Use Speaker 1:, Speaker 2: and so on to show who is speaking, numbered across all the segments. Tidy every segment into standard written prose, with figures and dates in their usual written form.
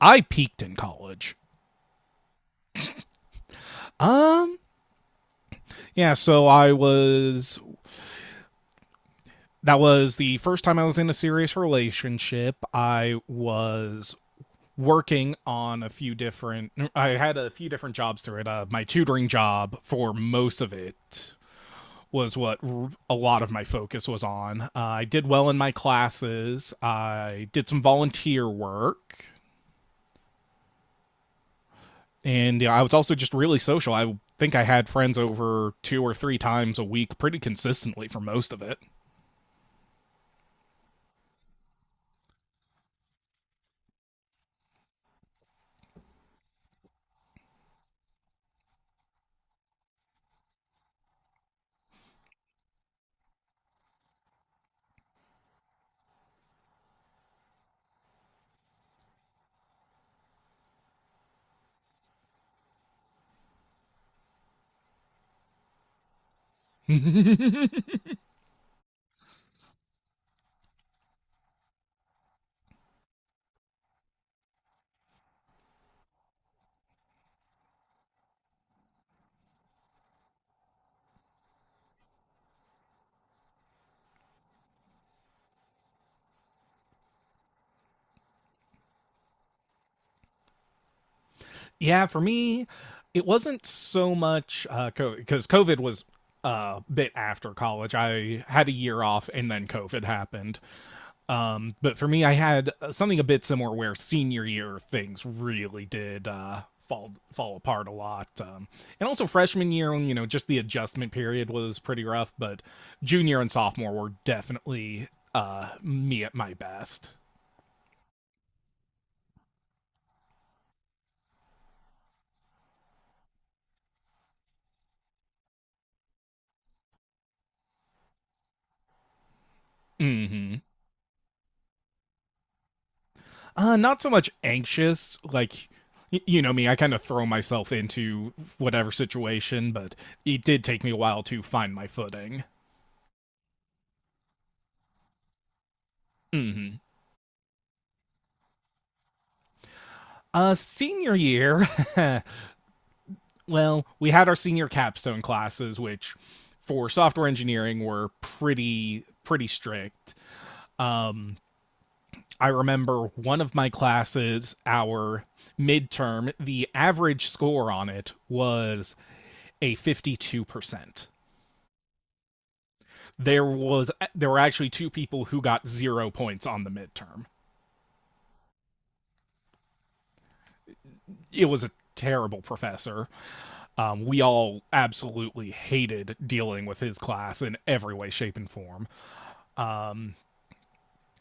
Speaker 1: I peaked in college. Um, yeah, so I was That was the first time I was in a serious relationship. I had a few different jobs through it. My tutoring job for most of it was what a lot of my focus was on. I did well in my classes. I did some volunteer work. And yeah, I was also just really social. I think I had friends over two or three times a week pretty consistently for most of it. Yeah, for me, it wasn't so much COVID, because COVID was a bit after college. I had a year off and then COVID happened. But for me, I had something a bit similar where senior year things really did fall apart a lot, and also freshman year, you know, just the adjustment period was pretty rough. But junior and sophomore were definitely me at my best. hmm Not so much anxious, like you know me, I kind of throw myself into whatever situation, but it did take me a while to find my footing. hmm Senior year, well, we had our senior capstone classes, which for software engineering were pretty strict. Um, I remember one of my classes, our midterm, the average score on it was a 52%. There were actually two people who got 0 points on the midterm. It was a terrible professor. We all absolutely hated dealing with his class in every way shape and form.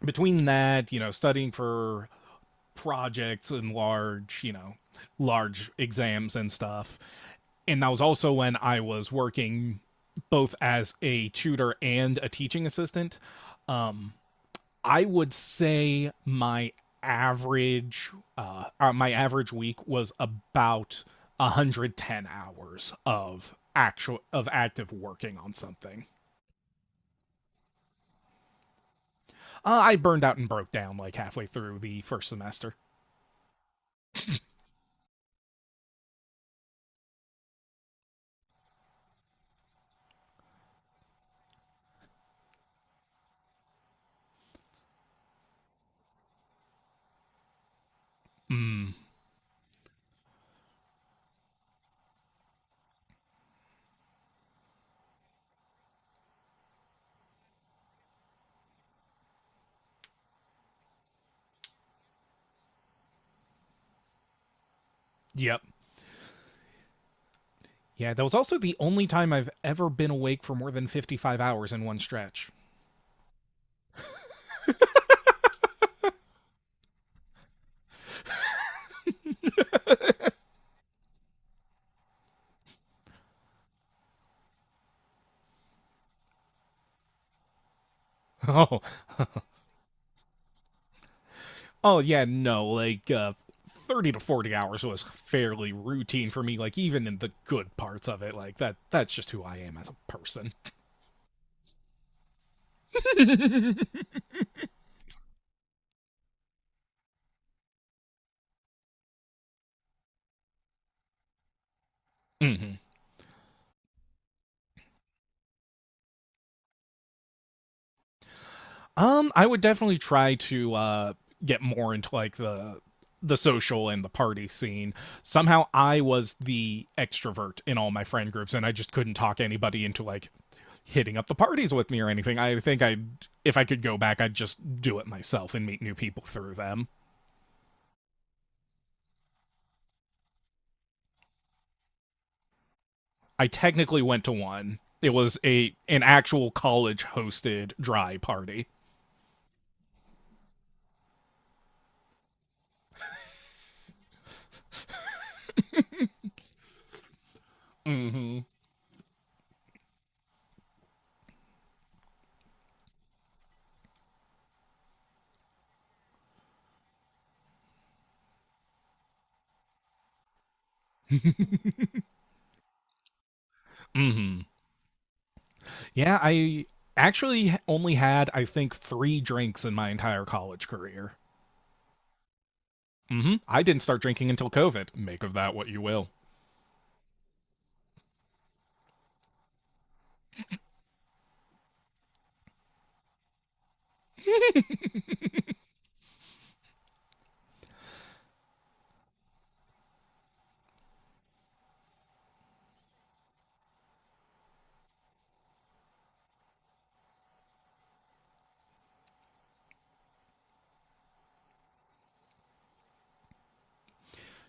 Speaker 1: Between that, you know, studying for projects and large, you know, large exams and stuff. And that was also when I was working both as a tutor and a teaching assistant. Um, I would say average my average week was about 110 hours of active working on something. I burned out and broke down like halfway through the first semester. Mm, yep. Yeah, that was also the only time I've ever been awake for more than 55 hours in one stretch. Oh, oh yeah, no, like 30 to 40 hours was fairly routine for me, like even in the good parts of it. Like that's just who I am as a person. Mhm. I would definitely try to get more into like the social and the party scene. Somehow I was the extrovert in all my friend groups and I just couldn't talk anybody into like hitting up the parties with me or anything. If I could go back, I'd just do it myself and meet new people through them. I technically went to one. It was a an actual college hosted dry party. Mm-hmm. Mm-hmm. Yeah, I actually only had, I think, 3 drinks in my entire college career. Mm-hmm. I didn't start drinking until COVID. Make of that what you will.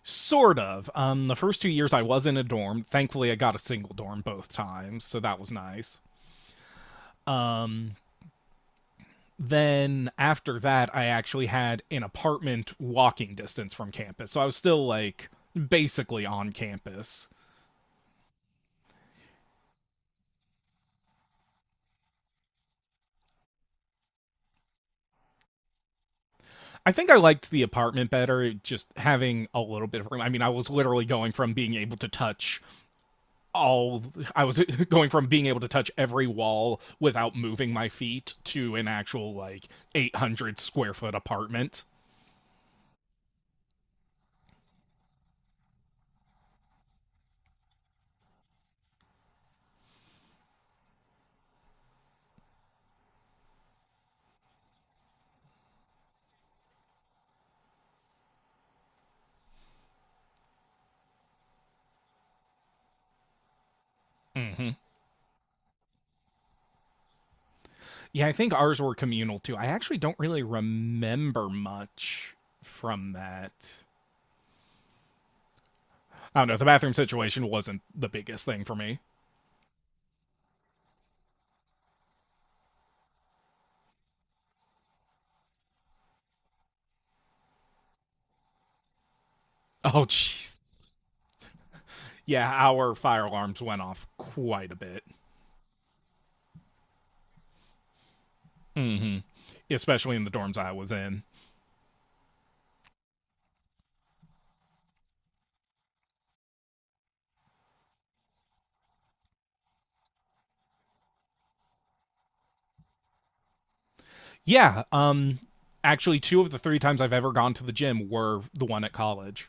Speaker 1: Sort of. The first 2 years I was in a dorm. Thankfully, I got a single dorm both times, so that was nice. Um, then after that, I actually had an apartment walking distance from campus. So I was still like basically on campus. I think I liked the apartment better, just having a little bit of room. I mean, I was literally going from being able to touch all, I was going from being able to touch every wall without moving my feet to an actual like 800 square foot apartment. Mm-hmm. Yeah, I think ours were communal too. I actually don't really remember much from that. I don't know. The bathroom situation wasn't the biggest thing for me. Oh, jeez. Yeah, our fire alarms went off quite a bit. hmm Especially in the dorms I was in. Yeah. Actually, two of the three times I've ever gone to the gym were the one at college.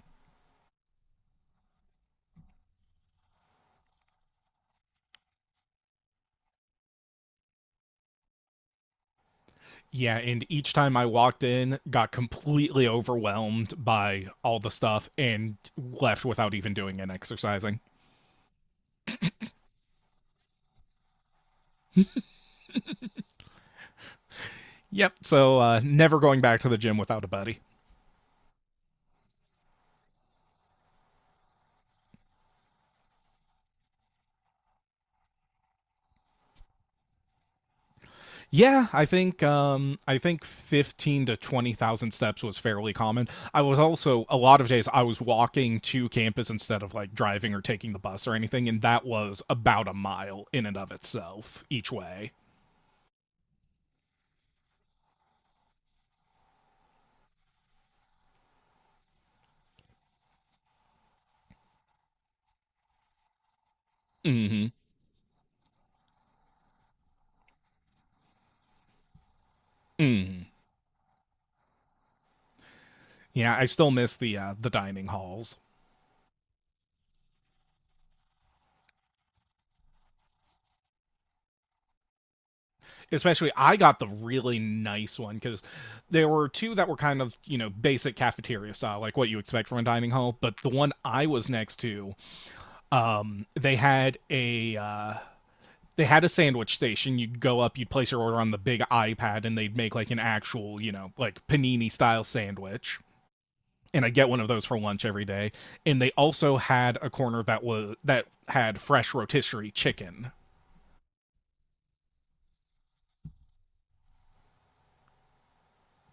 Speaker 1: Yeah, and each time I walked in, got completely overwhelmed by all the stuff and left without even doing an exercising. Yep. So never going back to the gym without a buddy. Yeah, I think fifteen to twenty thousand steps was fairly common. I was also A lot of days I was walking to campus instead of like driving or taking the bus or anything, and that was about a mile in and of itself each way. Mm-hmm. Mm. Yeah, I still miss the dining halls. Especially, I got the really nice one because there were two that were kind of you know basic cafeteria style, like what you expect from a dining hall. But the one I was next to, um, they had a uh, they had a sandwich station. You'd go up, you'd place your order on the big iPad, and they'd make like an actual, you know, like panini style sandwich. And I get one of those for lunch every day. And they also had a corner that had fresh rotisserie chicken